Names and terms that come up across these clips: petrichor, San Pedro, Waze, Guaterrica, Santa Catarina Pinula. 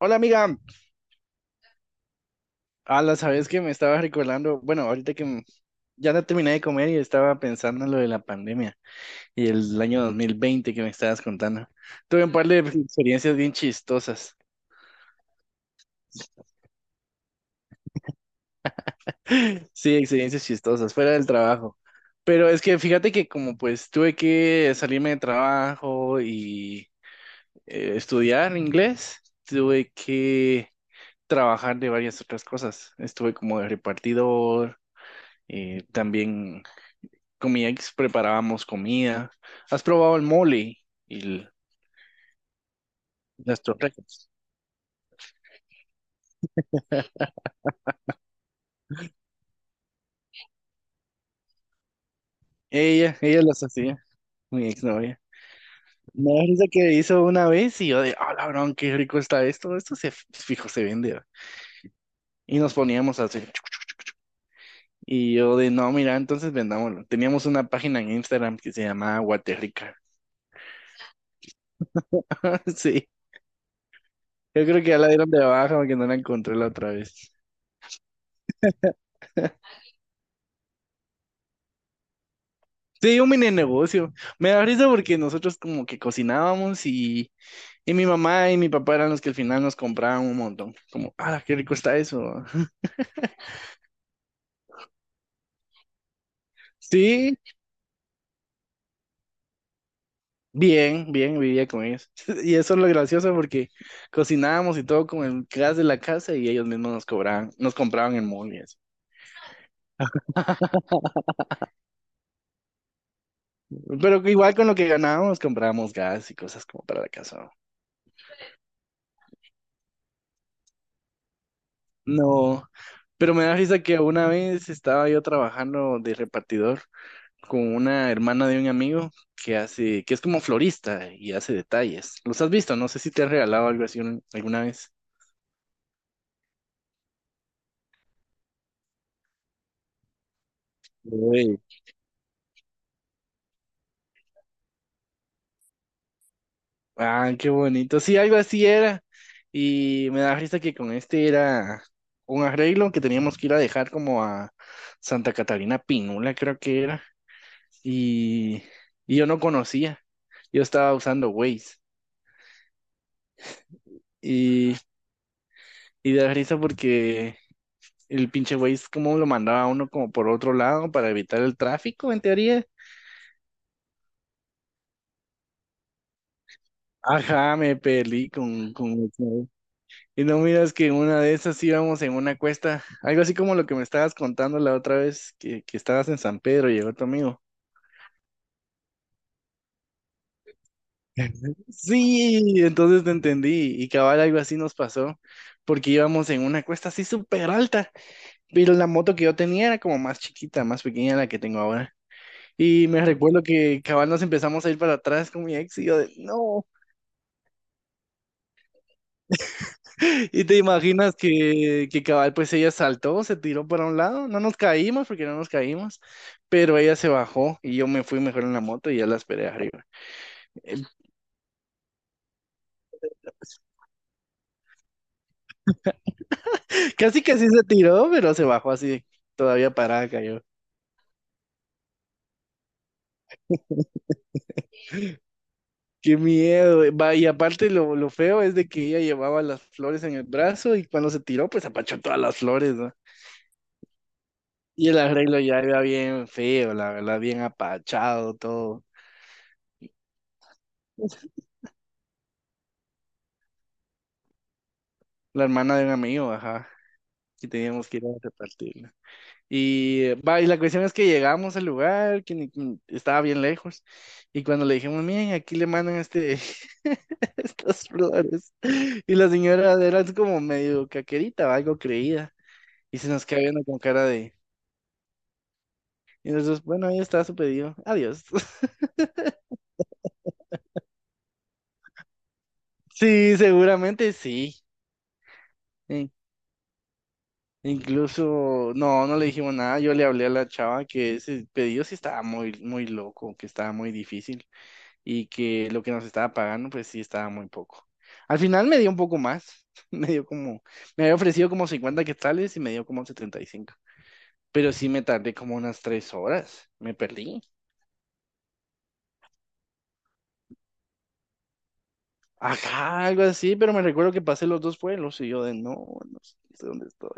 Hola amiga, a la sabes que me estaba recordando, bueno, ahorita que ya no terminé de comer y estaba pensando en lo de la pandemia y el año 2020 que me estabas contando. Tuve un par de experiencias bien chistosas. Sí, experiencias chistosas, fuera del trabajo. Pero es que fíjate que como pues tuve que salirme de trabajo y estudiar inglés, tuve que trabajar de varias otras cosas. Estuve como de repartidor, también con mi ex preparábamos comida. ¿Has probado el mole y las torrecas? Ella las hacía, mi exnovia. No, es que hizo una vez y yo de, ah, labrón, qué rico está esto, esto se fijo, se vende. ¿Va? Y nos poníamos a hacer. Y yo de, no, mira, entonces vendámoslo. Teníamos una página en Instagram que se llamaba Guaterrica. Sí, yo creo que ya la dieron de baja porque no la encontré la otra vez. Sí, un mini negocio. Me da risa porque nosotros como que cocinábamos y mi mamá y mi papá eran los que al final nos compraban un montón. Como, ah, qué rico está eso. Sí, bien, bien, vivía con ellos. Y eso es lo gracioso porque cocinábamos y todo con el gas de la casa y ellos mismos nos cobraban, nos compraban el mall y eso. Pero que igual con lo que ganábamos comprábamos gas y cosas como para la casa. No, pero me da risa que una vez estaba yo trabajando de repartidor con una hermana de un amigo que hace, que es como florista y hace detalles. ¿Los has visto? No sé si te han regalado algo así alguna vez. Uy, ah, qué bonito. Sí, algo así era. Y me da risa que con este era un arreglo que teníamos que ir a dejar como a Santa Catarina Pinula, creo que era. Y, y yo no conocía. Yo estaba usando Waze. Y, y da risa porque el pinche güey es como lo mandaba a uno como por otro lado para evitar el tráfico, en teoría. Ajá, me peleé con... Y no miras que en una de esas íbamos en una cuesta, algo así como lo que me estabas contando la otra vez, que estabas en San Pedro y llegó tu amigo. Sí, entonces te entendí y cabal algo así nos pasó, porque íbamos en una cuesta así súper alta, pero la moto que yo tenía era como más chiquita, más pequeña la que tengo ahora. Y me recuerdo que cabal nos empezamos a ir para atrás con mi ex y yo de, no, y te imaginas que cabal, pues ella saltó, se tiró para un lado, no nos caímos porque no nos caímos, pero ella se bajó y yo me fui mejor en la moto y ya la esperé arriba. Eh, casi que sí se tiró, pero se bajó así, todavía parada cayó. Qué miedo. Va, y aparte lo feo es de que ella llevaba las flores en el brazo y cuando se tiró, pues apachó todas las flores, ¿no? Y el arreglo ya era bien feo, la verdad, bien apachado, todo. La hermana de un amigo, ajá, y teníamos que ir a repartirla. Y va, y la cuestión es que llegamos al lugar, que estaba bien lejos, y cuando le dijimos, miren, aquí le mandan este, estas flores, y la señora era así como medio caquerita, o algo creída, y se nos queda viendo con cara de, y nosotros, bueno, ahí está su pedido, adiós. Sí, seguramente sí. In- Incluso, no, no le dijimos nada, yo le hablé a la chava que ese pedido sí estaba muy, muy loco, que estaba muy difícil. Y que lo que nos estaba pagando, pues sí estaba muy poco. Al final me dio un poco más, me dio como, me había ofrecido como 50 quetzales y me dio como 75, pero sí me tardé como unas 3 horas, me perdí. Ajá, algo así, pero me recuerdo que pasé los dos pueblos y yo de no, no sé dónde estoy.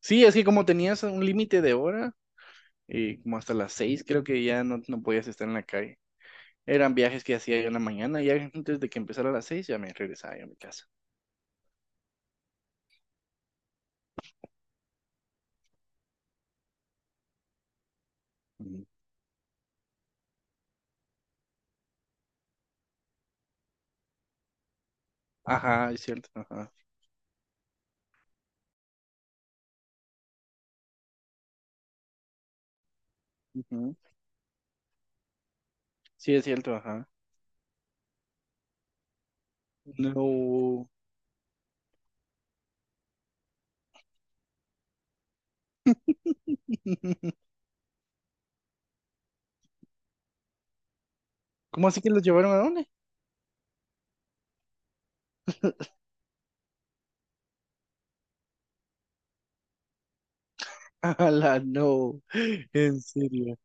Sí, es que como tenías un límite de hora, y como hasta las 6 creo que ya no podías estar en la calle. Eran viajes que hacía yo en la mañana, y antes de que empezara a las 6 ya me regresaba yo a mi casa. Ujú. Ajá, es cierto, ajá. Sí, es cierto, ajá. No. ¿Cómo así que los llevaron a dónde? A la no. En serio.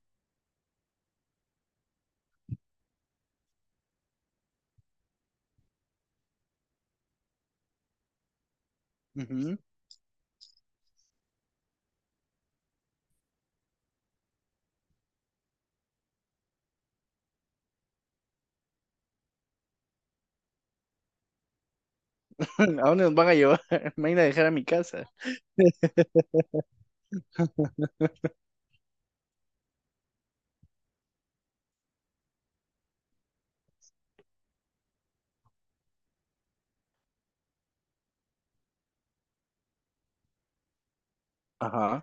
Ujú. ¿A dónde nos van a llevar? Me van a dejar a mi casa. Ajá.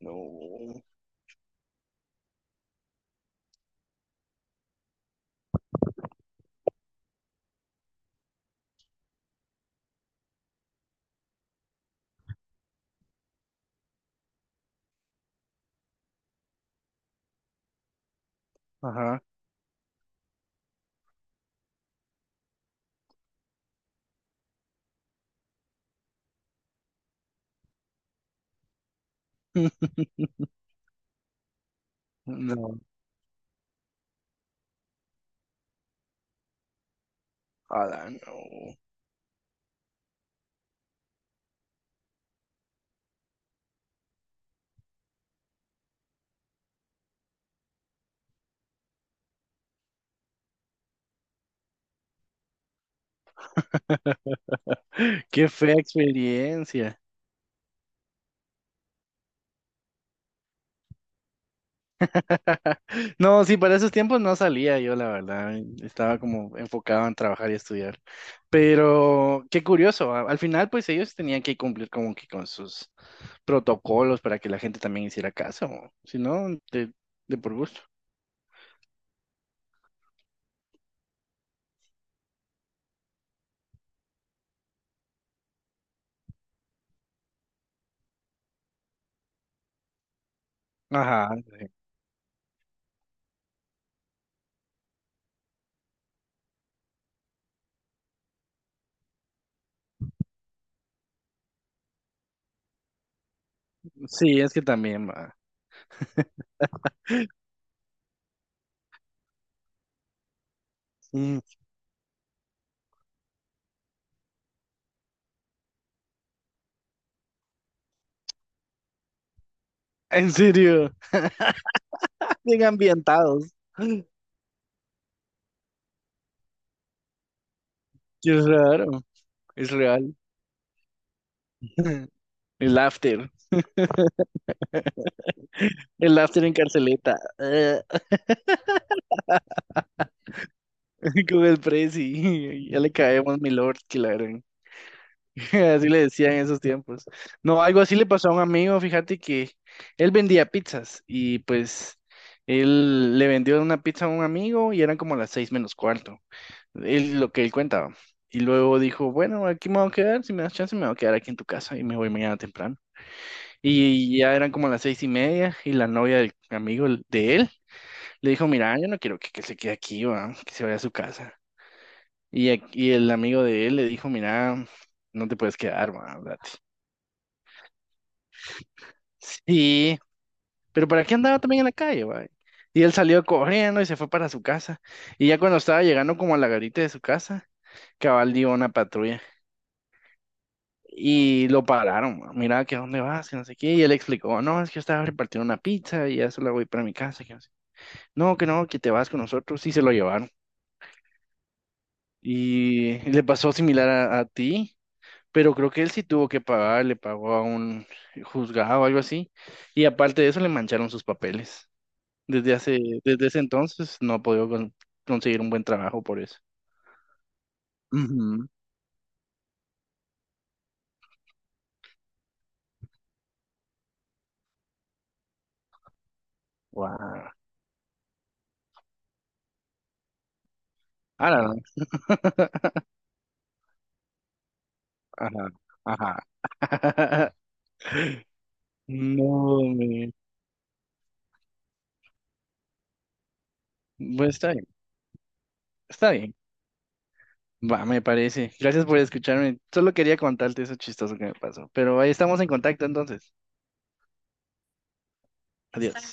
No. Ajá. No. A la no. Qué fea experiencia. No, sí, para esos tiempos no salía yo, la verdad. Estaba como enfocado en trabajar y estudiar. Pero qué curioso. Al final, pues ellos tenían que cumplir como que con sus protocolos para que la gente también hiciera caso. Si no, de, por gusto. Ajá. Sí, es que también va. Mm, en serio. Bien ambientados. Qué raro. Es real. El after. El after en carceleta. Con el presi. Ya le caemos, mi lord. Que la gran. Así le decían en esos tiempos. No, algo así le pasó a un amigo, fíjate que él vendía pizzas y pues él le vendió una pizza a un amigo y eran como las 6 menos cuarto, él, lo que él cuentaba. Y luego dijo, bueno, aquí me voy a quedar, si me das chance me voy a quedar aquí en tu casa y me voy mañana temprano. Y ya eran como las 6 y media y la novia del amigo de él le dijo, mira, yo no quiero que se quede aquí, va, que se vaya a su casa. Y, y el amigo de él le dijo, mira, no te puedes quedar, va, sí, pero ¿para qué andaba también en la calle, va? Y él salió corriendo y se fue para su casa. Y ya cuando estaba llegando como a la garita de su casa, cabal dio una patrulla. Y lo pararon, ma, mira, que a dónde vas, que no sé qué. Y él explicó, no, es que yo estaba repartiendo una pizza y ya solo voy para mi casa. Que no sé. No, que no, que te vas con nosotros. Y se lo llevaron. Y le pasó similar a ti, pero creo que él sí tuvo que pagar, le pagó a un juzgado o algo así. Y aparte de eso, le mancharon sus papeles. Desde hace, desde ese entonces no he podido conseguir un buen trabajo por eso. Ujú. Guau. Ahora no. Ajá, ajá. No, me... Pues está bien, está bien. Va, me parece. Gracias por escucharme. Solo quería contarte eso chistoso que me pasó. Pero ahí estamos en contacto entonces. Adiós.